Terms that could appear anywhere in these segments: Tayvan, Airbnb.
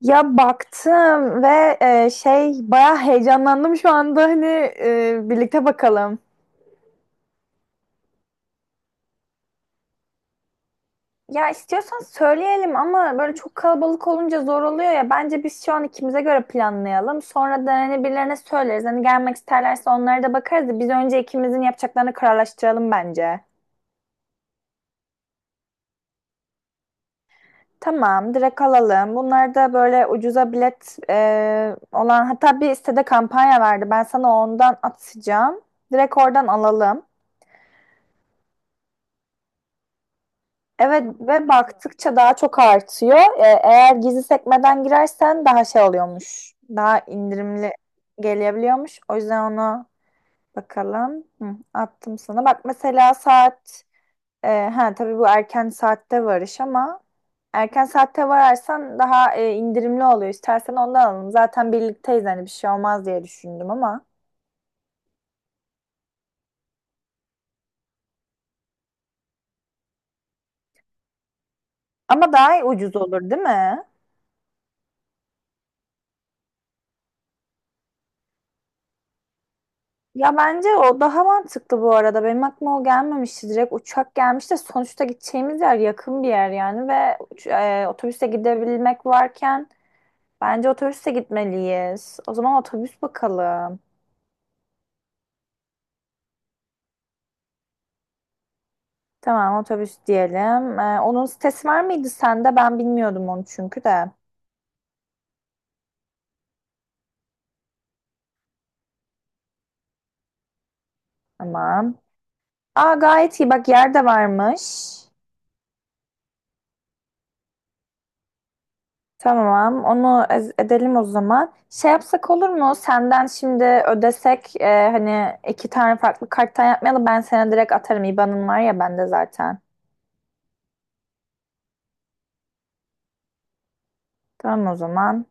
Ya baktım ve bayağı heyecanlandım şu anda hani birlikte bakalım. Ya istiyorsan söyleyelim ama böyle çok kalabalık olunca zor oluyor ya. Bence biz şu an ikimize göre planlayalım. Sonra da hani birilerine söyleriz. Hani gelmek isterlerse onlara da bakarız. Biz önce ikimizin yapacaklarını kararlaştıralım bence. Tamam, direkt alalım. Bunlar da böyle ucuza bilet olan hatta bir sitede kampanya verdi. Ben sana ondan atacağım. Direkt oradan alalım. Evet ve baktıkça daha çok artıyor. Eğer gizli sekmeden girersen daha şey oluyormuş. Daha indirimli gelebiliyormuş. O yüzden ona bakalım. Hı, attım sana. Bak mesela saat ha tabii bu erken saatte varış ama erken saatte vararsan daha indirimli oluyor. İstersen ondan alalım. Zaten birlikteyiz hani bir şey olmaz diye düşündüm ama. Ama daha ucuz olur değil mi? Ya bence o daha mantıklı bu arada. Benim aklıma o gelmemişti. Direkt uçak gelmiş de sonuçta gideceğimiz yer yakın bir yer yani ve otobüse gidebilmek varken bence otobüse gitmeliyiz. O zaman otobüs bakalım. Tamam otobüs diyelim. E, onun sitesi var mıydı sende? Ben bilmiyordum onu çünkü de. Tamam. Aa gayet iyi bak yer de varmış. Tamam, edelim o zaman. Şey yapsak olur mu? Senden şimdi ödesek hani iki tane farklı karttan yapmayalım. Ben sana direkt atarım. IBAN'ın var ya bende zaten. Tamam o zaman.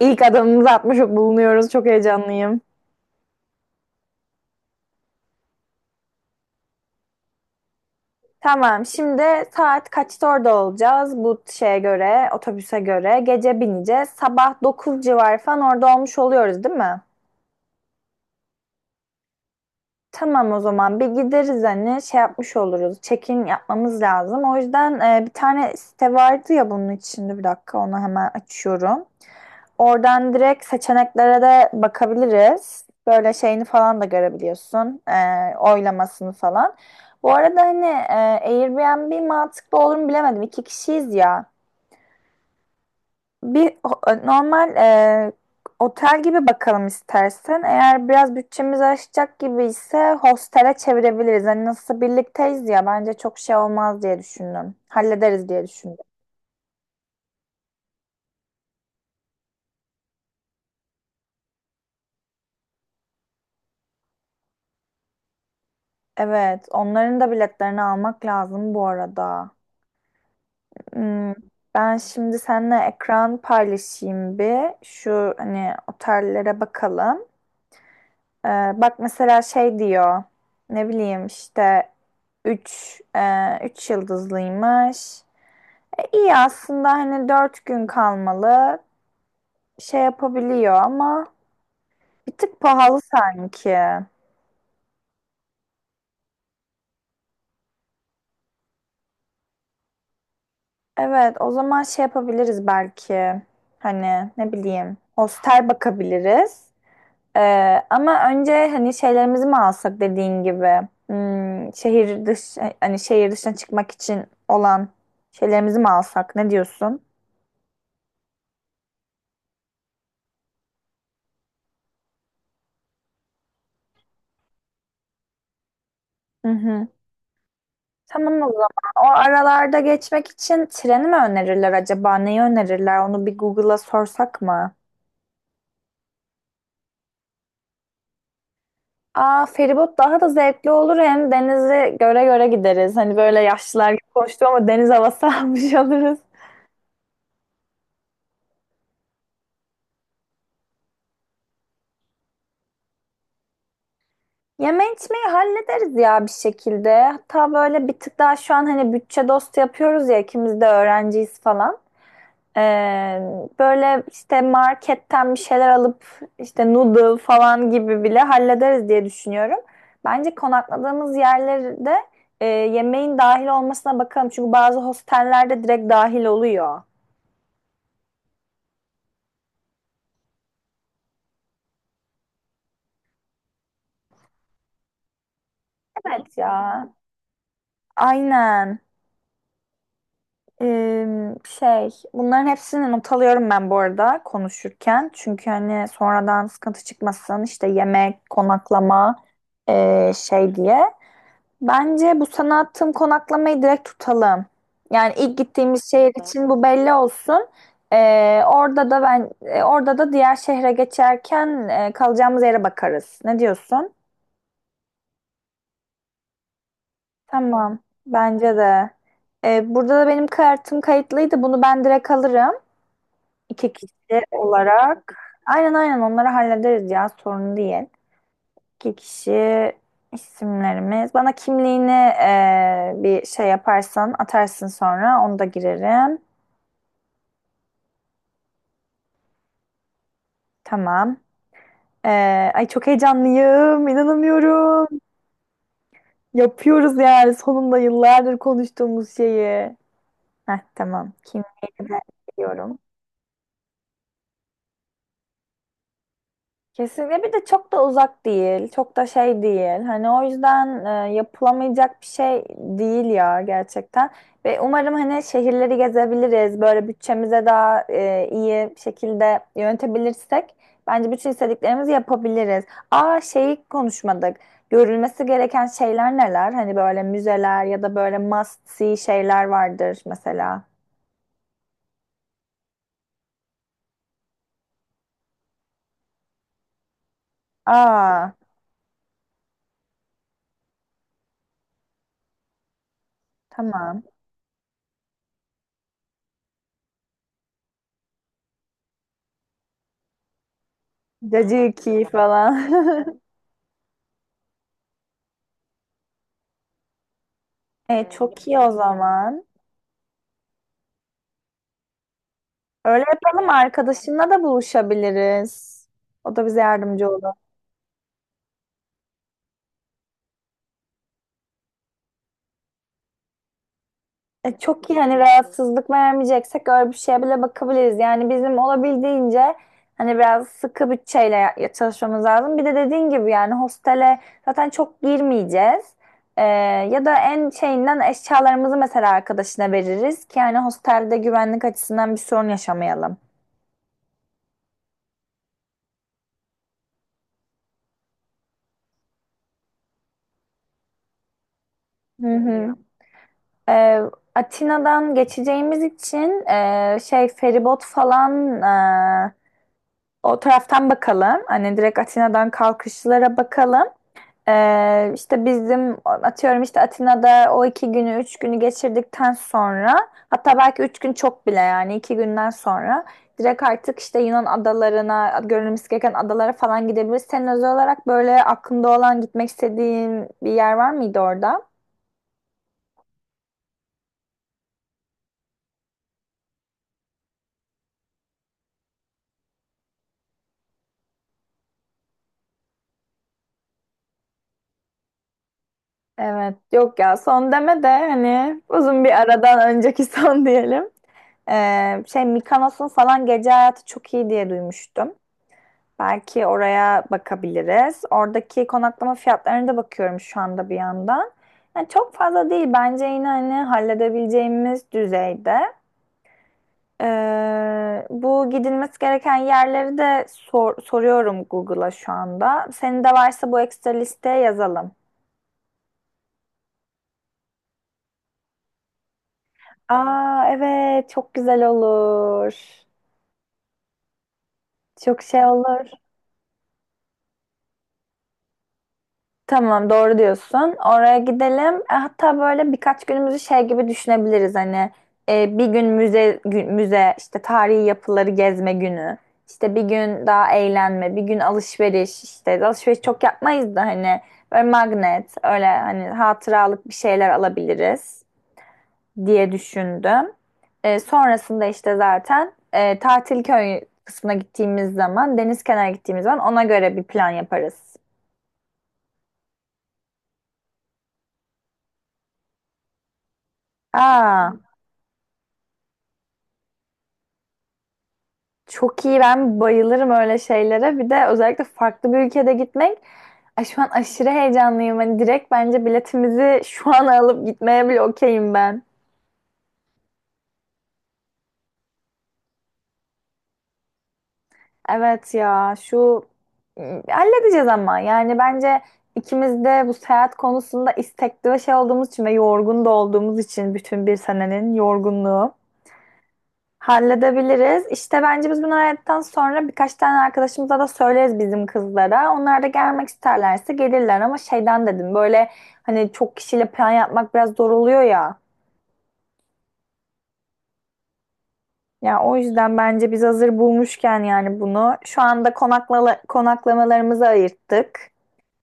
İlk adımımızı atmış bulunuyoruz. Çok heyecanlıyım. Tamam, şimdi saat kaçta orada olacağız? Bu şeye göre, otobüse göre. Gece bineceğiz. Sabah 9 civarı falan orada olmuş oluyoruz, değil mi? Tamam o zaman bir gideriz hani şey yapmış oluruz. Check-in yapmamız lazım. O yüzden bir tane site vardı ya bunun içinde bir dakika onu hemen açıyorum. Oradan direkt seçeneklere de bakabiliriz. Böyle şeyini falan da görebiliyorsun. Oylamasını falan. Bu arada hani Airbnb mantıklı olur mu bilemedim. İki kişiyiz ya. Bir ho- Normal otel gibi bakalım istersen. Eğer biraz bütçemiz aşacak gibi ise hostele çevirebiliriz. Hani nasıl birlikteyiz ya bence çok şey olmaz diye düşündüm. Hallederiz diye düşündüm. Evet, onların da biletlerini almak lazım bu arada. Hmm, ben şimdi seninle ekran paylaşayım bir. Şu hani otellere bakalım. Ee, Bak mesela şey diyor. Ne bileyim işte 3 e, 3 yıldızlıymış. İyi aslında hani dört gün kalmalı şey yapabiliyor ama bir tık pahalı sanki. Evet o zaman şey yapabiliriz belki. Hani ne bileyim hostel bakabiliriz. Ama önce hani şeylerimizi mi alsak dediğin gibi. Hmm, şehir dış hani şehir dışına çıkmak için olan şeylerimizi mi alsak ne diyorsun? Hı hı. Tamam o zaman. O aralarda geçmek için treni mi önerirler acaba? Neyi önerirler? Onu bir Google'a sorsak mı? Aa feribot daha da zevkli olur. Hem denizi göre göre gideriz. Hani böyle yaşlılar gibi koştu ama deniz havası almış oluruz. Yeme içmeyi hallederiz ya bir şekilde. Hatta böyle bir tık daha şu an hani bütçe dostu yapıyoruz ya ikimiz de öğrenciyiz falan. Ee, Böyle işte marketten bir şeyler alıp işte noodle falan gibi bile hallederiz diye düşünüyorum. Bence konakladığımız yerlerde yemeğin dahil olmasına bakalım. Çünkü bazı hostellerde direkt dahil oluyor. Evet ya. Aynen. Şey bunların hepsini not alıyorum ben bu arada konuşurken. Çünkü hani sonradan sıkıntı çıkmasın işte yemek, konaklama şey diye. Bence bu sana attığım konaklamayı direkt tutalım. Yani ilk gittiğimiz şehir için bu belli olsun. Orada da diğer şehre geçerken kalacağımız yere bakarız. Ne diyorsun? Tamam. Bence de. Burada da benim kartım kayıtlıydı. Bunu ben direkt alırım. İki kişi olarak. Aynen aynen onları hallederiz ya sorun değil. İki kişi isimlerimiz. Bana kimliğini bir şey yaparsan atarsın sonra onu da girerim. Tamam. Ay çok heyecanlıyım. İnanamıyorum. Yapıyoruz yani sonunda yıllardır konuştuğumuz şeyi. Heh, tamam. Kimliğini de veriyorum. Kesinlikle bir de çok da uzak değil, çok da şey değil. Hani o yüzden yapılamayacak bir şey değil ya gerçekten. Ve umarım hani şehirleri gezebiliriz. Böyle bütçemize daha iyi bir şekilde yönetebilirsek bence bütün istediklerimizi yapabiliriz. Aa şeyi konuşmadık. Görülmesi gereken şeyler neler? Hani böyle müzeler ya da böyle must see şeyler vardır mesela. Aa tamam. Cacık falan. E, çok iyi o zaman. Öyle yapalım arkadaşınla da buluşabiliriz. O da bize yardımcı olur. E, çok iyi hani rahatsızlık vermeyeceksek öyle bir şeye bile bakabiliriz. Yani bizim olabildiğince hani biraz sıkı bütçeyle çalışmamız lazım. Bir de dediğin gibi yani hostele zaten çok girmeyeceğiz. E, ya da en şeyinden eşyalarımızı mesela arkadaşına veririz ki yani hostelde güvenlik açısından bir sorun yaşamayalım. Hı hı. Ee, Atina'dan geçeceğimiz için feribot falan e, o taraftan bakalım. Hani direkt Atina'dan kalkışlara bakalım. İşte bizim atıyorum işte Atina'da o iki günü üç günü geçirdikten sonra hatta belki üç gün çok bile yani iki günden sonra direkt artık işte Yunan adalarına görülmesi gereken adalara falan gidebiliriz. Senin özel olarak böyle aklında olan gitmek istediğin bir yer var mıydı orada? Evet, yok ya son deme de hani uzun bir aradan önceki son diyelim. Şey Mikonos'un falan gece hayatı çok iyi diye duymuştum. Belki oraya bakabiliriz. Oradaki konaklama fiyatlarına da bakıyorum şu anda bir yandan. Yani çok fazla değil bence yine hani halledebileceğimiz düzeyde. Bu gidilmesi gereken yerleri de soruyorum Google'a şu anda. Senin de varsa bu ekstra listeye yazalım. Aa evet çok güzel olur. Çok şey olur. Tamam doğru diyorsun. Oraya gidelim. E, hatta böyle birkaç günümüzü şey gibi düşünebiliriz hani bir gün müze işte tarihi yapıları gezme günü. İşte bir gün daha eğlenme, bir gün alışveriş çok yapmayız da hani böyle magnet öyle hani hatıralık bir şeyler alabiliriz. Diye düşündüm. E, sonrasında işte zaten e, Tatil köy kısmına gittiğimiz zaman, deniz kenarına gittiğimiz zaman ona göre bir plan yaparız. Aa, çok iyi ben bayılırım öyle şeylere. Bir de özellikle farklı bir ülkede gitmek. Ay, şu an aşırı heyecanlıyım. Hani direkt bence biletimizi şu an alıp gitmeye bile okeyim ben. Evet ya halledeceğiz ama yani bence ikimiz de bu seyahat konusunda istekli ve şey olduğumuz için ve yorgun da olduğumuz için bütün bir senenin yorgunluğu halledebiliriz. İşte bence biz bunu hallettikten sonra birkaç tane arkadaşımıza da söyleriz bizim kızlara. Onlar da gelmek isterlerse gelirler ama şeyden dedim böyle hani çok kişiyle plan yapmak biraz zor oluyor ya. Ya o yüzden bence biz hazır bulmuşken yani bunu şu anda konaklamalarımızı ayırttık.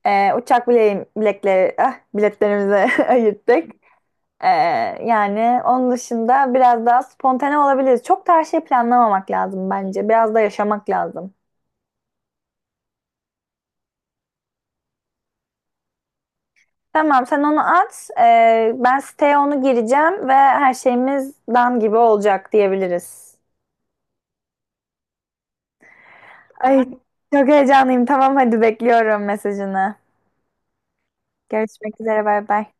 Uçak bile bilekleri, ah, Biletlerimizi ayırttık. Ee, Yani onun dışında biraz daha spontane olabiliriz. Çok da her şeyi planlamamak lazım bence. Biraz da yaşamak lazım. Tamam, sen onu at. Ben siteye onu gireceğim ve her şeyimiz dam gibi olacak diyebiliriz. Ay, çok heyecanlıyım. Tamam, hadi bekliyorum mesajını. Görüşmek üzere, bay bay.